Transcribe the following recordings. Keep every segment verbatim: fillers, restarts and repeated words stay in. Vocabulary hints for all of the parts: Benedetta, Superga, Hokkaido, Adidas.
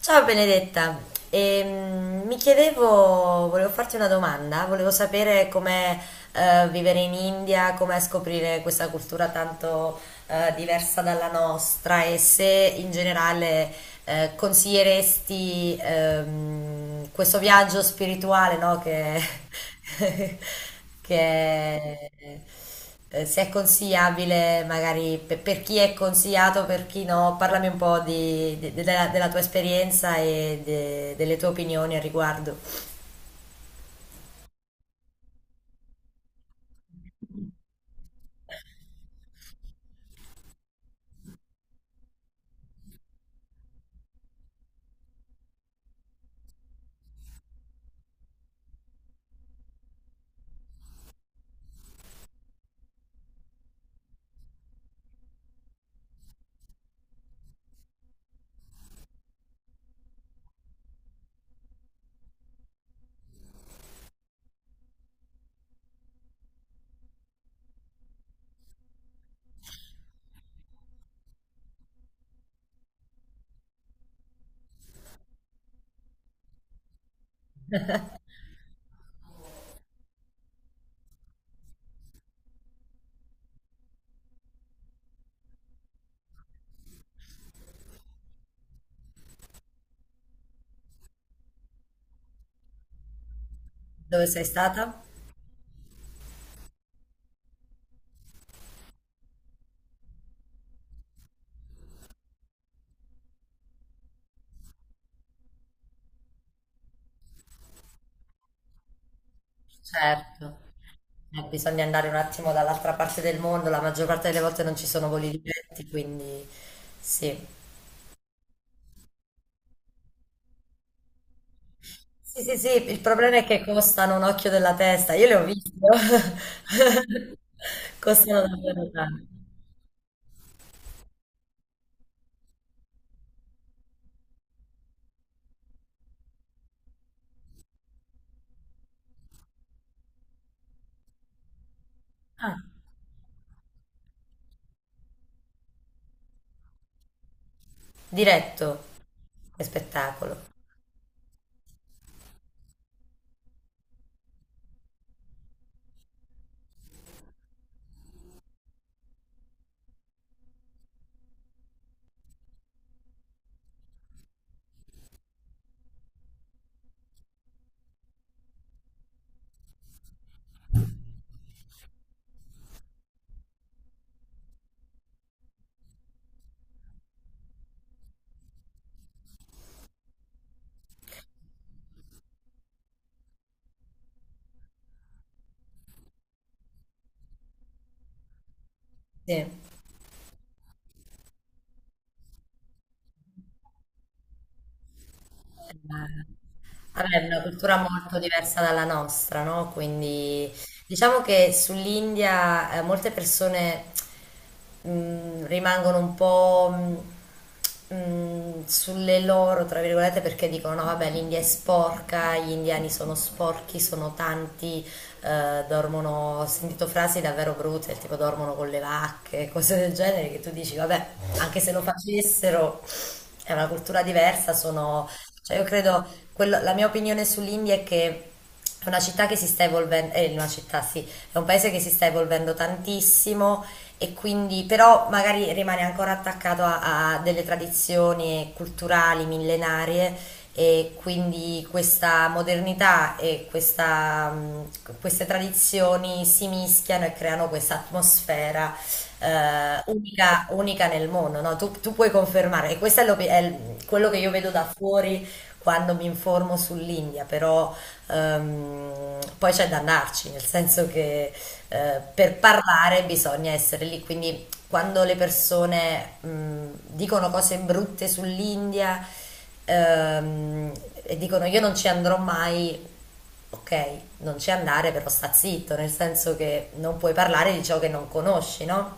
Ciao Benedetta, Ehm, mi chiedevo, volevo farti una domanda, volevo sapere com'è eh, vivere in India, com'è scoprire questa cultura tanto eh, diversa dalla nostra e se in generale eh, consiglieresti ehm, questo viaggio spirituale, no, che, che eh, se è consigliabile magari pe- per, chi è consigliato, per chi no, parlami un po' di- de- della, della tua esperienza e de- delle tue opinioni al riguardo. Dove sei stata? Certo. Eh, bisogna andare un attimo dall'altra parte del mondo, la maggior parte delle volte non ci sono voli diretti, quindi sì. Sì, sì, sì, il problema è che costano un occhio della testa, io le ho viste, costano davvero tanto. Ah, diretto, che spettacolo. Sì. Eh, vabbè, è una cultura molto diversa dalla nostra, no? Quindi diciamo che sull'India eh, molte persone mh, rimangono un po' mh, mh, sulle loro, tra virgolette, perché dicono no, vabbè, l'India è sporca, gli indiani sono sporchi, sono tanti, eh, dormono, ho sentito frasi davvero brutte, tipo dormono con le vacche, cose del genere, che tu dici, vabbè, anche se lo facessero... È una cultura diversa, sono cioè, io credo, quello- la mia opinione sull'India è che è una città che si sta evolvendo, è una città, sì, è un paese che si sta evolvendo tantissimo e quindi, però magari rimane ancora attaccato a, a delle tradizioni culturali millenarie e quindi questa modernità e questa, mh, queste tradizioni si mischiano e creano questa atmosfera eh, unica, unica nel mondo, no? Tu, tu puoi confermare, e questo è, l'opi- è il- quello che io vedo da fuori quando mi informo sull'India, però ehm, poi c'è da andarci, nel senso che eh, per parlare bisogna essere lì, quindi quando le persone mh, dicono cose brutte sull'India ehm, e dicono io non ci andrò mai. Ok, non ci andare, però sta zitto, nel senso che non puoi parlare di ciò che non conosci, no?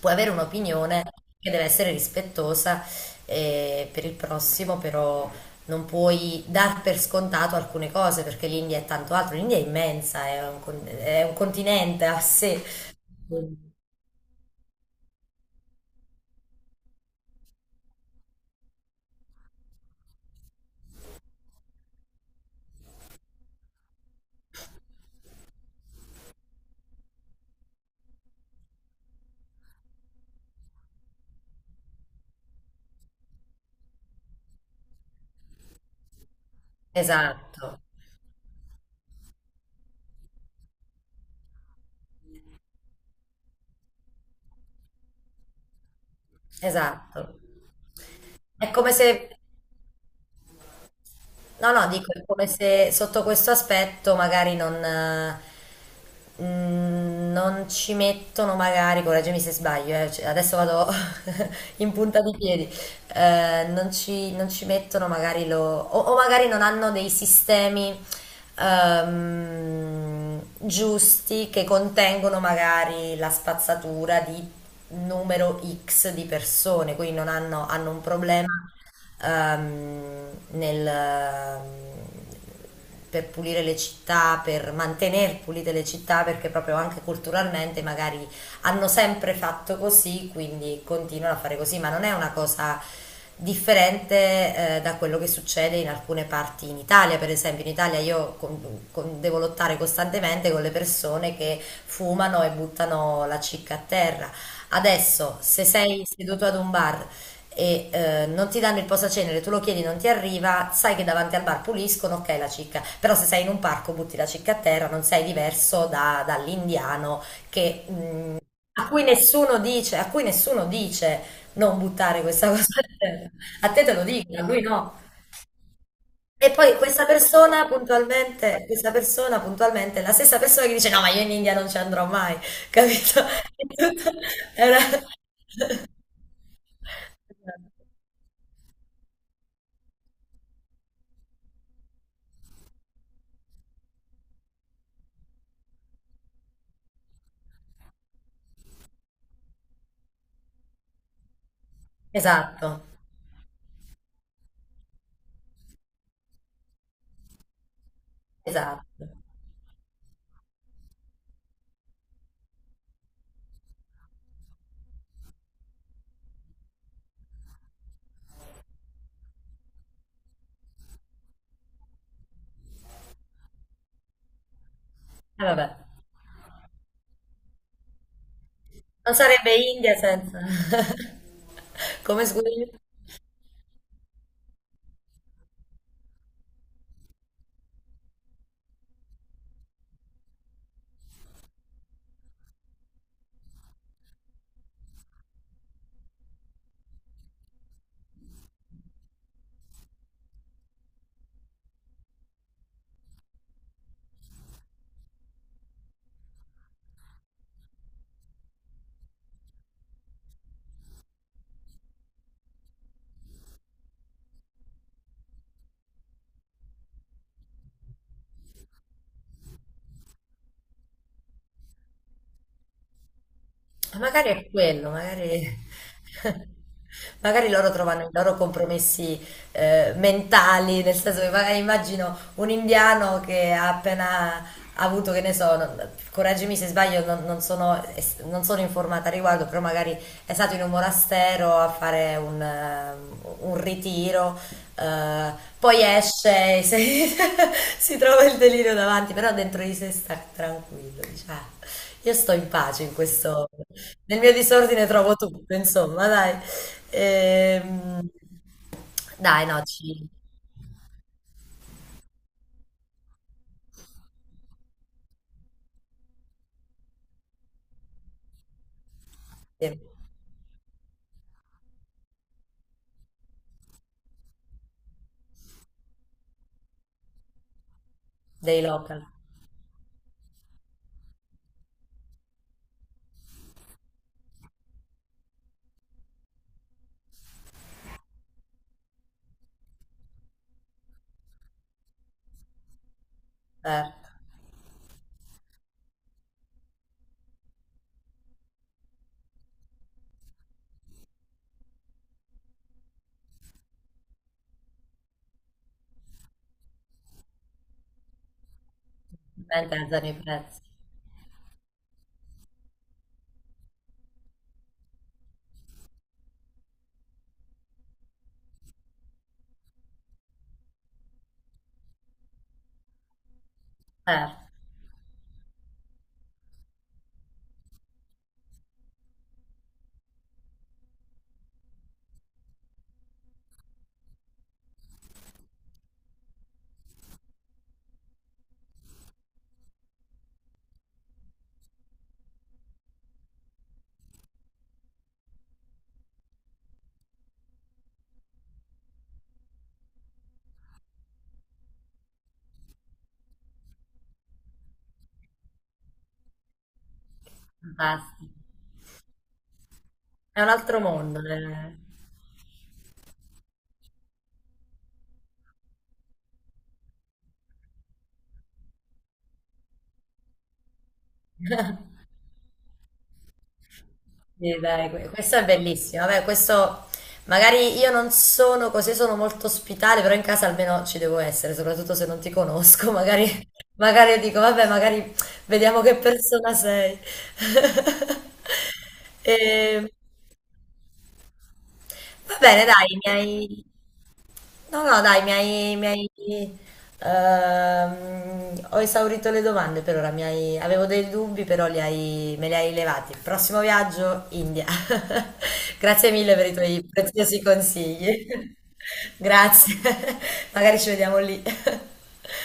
Puoi avere un'opinione che deve essere rispettosa eh, per il prossimo, però non puoi dar per scontato alcune cose, perché l'India è tanto altro. L'India è immensa, è un, con- è un continente a sé. Esatto, esatto. È come se... No, no, dico, è come se sotto questo aspetto magari non, eh, mh, non ci mettono magari, correggimi se sbaglio, eh, cioè, adesso vado in punta di piedi, eh, non ci, non ci mettono magari lo, o, o magari non hanno dei sistemi ehm, giusti che contengono magari la spazzatura di numero X di persone, quindi non hanno hanno un problema ehm, nel, ehm, per pulire le città, per mantenere pulite le città, perché proprio anche culturalmente magari hanno sempre fatto così, quindi continuano a fare così, ma non è una cosa differente eh, da quello che succede in alcune parti in Italia, per esempio in Italia io con- con- devo lottare costantemente con le persone che fumano e buttano la cicca a terra. Adesso, se sei seduto ad un bar e eh, non ti danno il posacenere, tu lo chiedi, non ti arriva, sai che davanti al bar puliscono, ok la cicca, però se sei in un parco butti la cicca a terra, non sei diverso da- dall'indiano che, mh, a cui nessuno dice, a cui nessuno dice non buttare questa cosa a terra. A te te lo dico, a lui no. E poi questa persona puntualmente, questa persona puntualmente è la stessa persona che dice no, ma io in India non ci andrò mai, capito? È tutto- è una- Esatto. Esatto. E vabbè, non sarebbe India senza... Come scusi? Magari è quello, magari, magari loro trovano i loro compromessi eh, mentali, nel senso che magari immagino un indiano che ha appena avuto, che ne so, non- correggimi se sbaglio, non, non sono, es- non sono informata al riguardo, però magari è stato in un monastero a fare un, eh, un ritiro, eh, poi esce e si, si trova il delirio davanti, però dentro di sé sta tranquillo, dice, "Ah, io sto in pace in questo. Nel mio disordine trovo tutto, insomma, dai. Ehm, dai, no, ci, sì, dei local, certo. Ovviamente alzano i prezzi, certo, fantastico. È un altro mondo. Eh. Sì, dai, que- questo è bellissimo. Vabbè, questo magari io non sono così, sono molto ospitale, però in casa almeno ci devo essere, soprattutto se non ti conosco. Magari, magari io dico, vabbè, magari vediamo che persona sei. E, va bene, dai, mi hai. No, no, dai, mi hai, mi hai, ehm, ho esaurito le domande per ora, mi hai- avevo dei dubbi, però li hai- me li hai levati. Prossimo viaggio, India. Grazie mille per i tuoi preziosi consigli. Grazie, magari ci vediamo lì.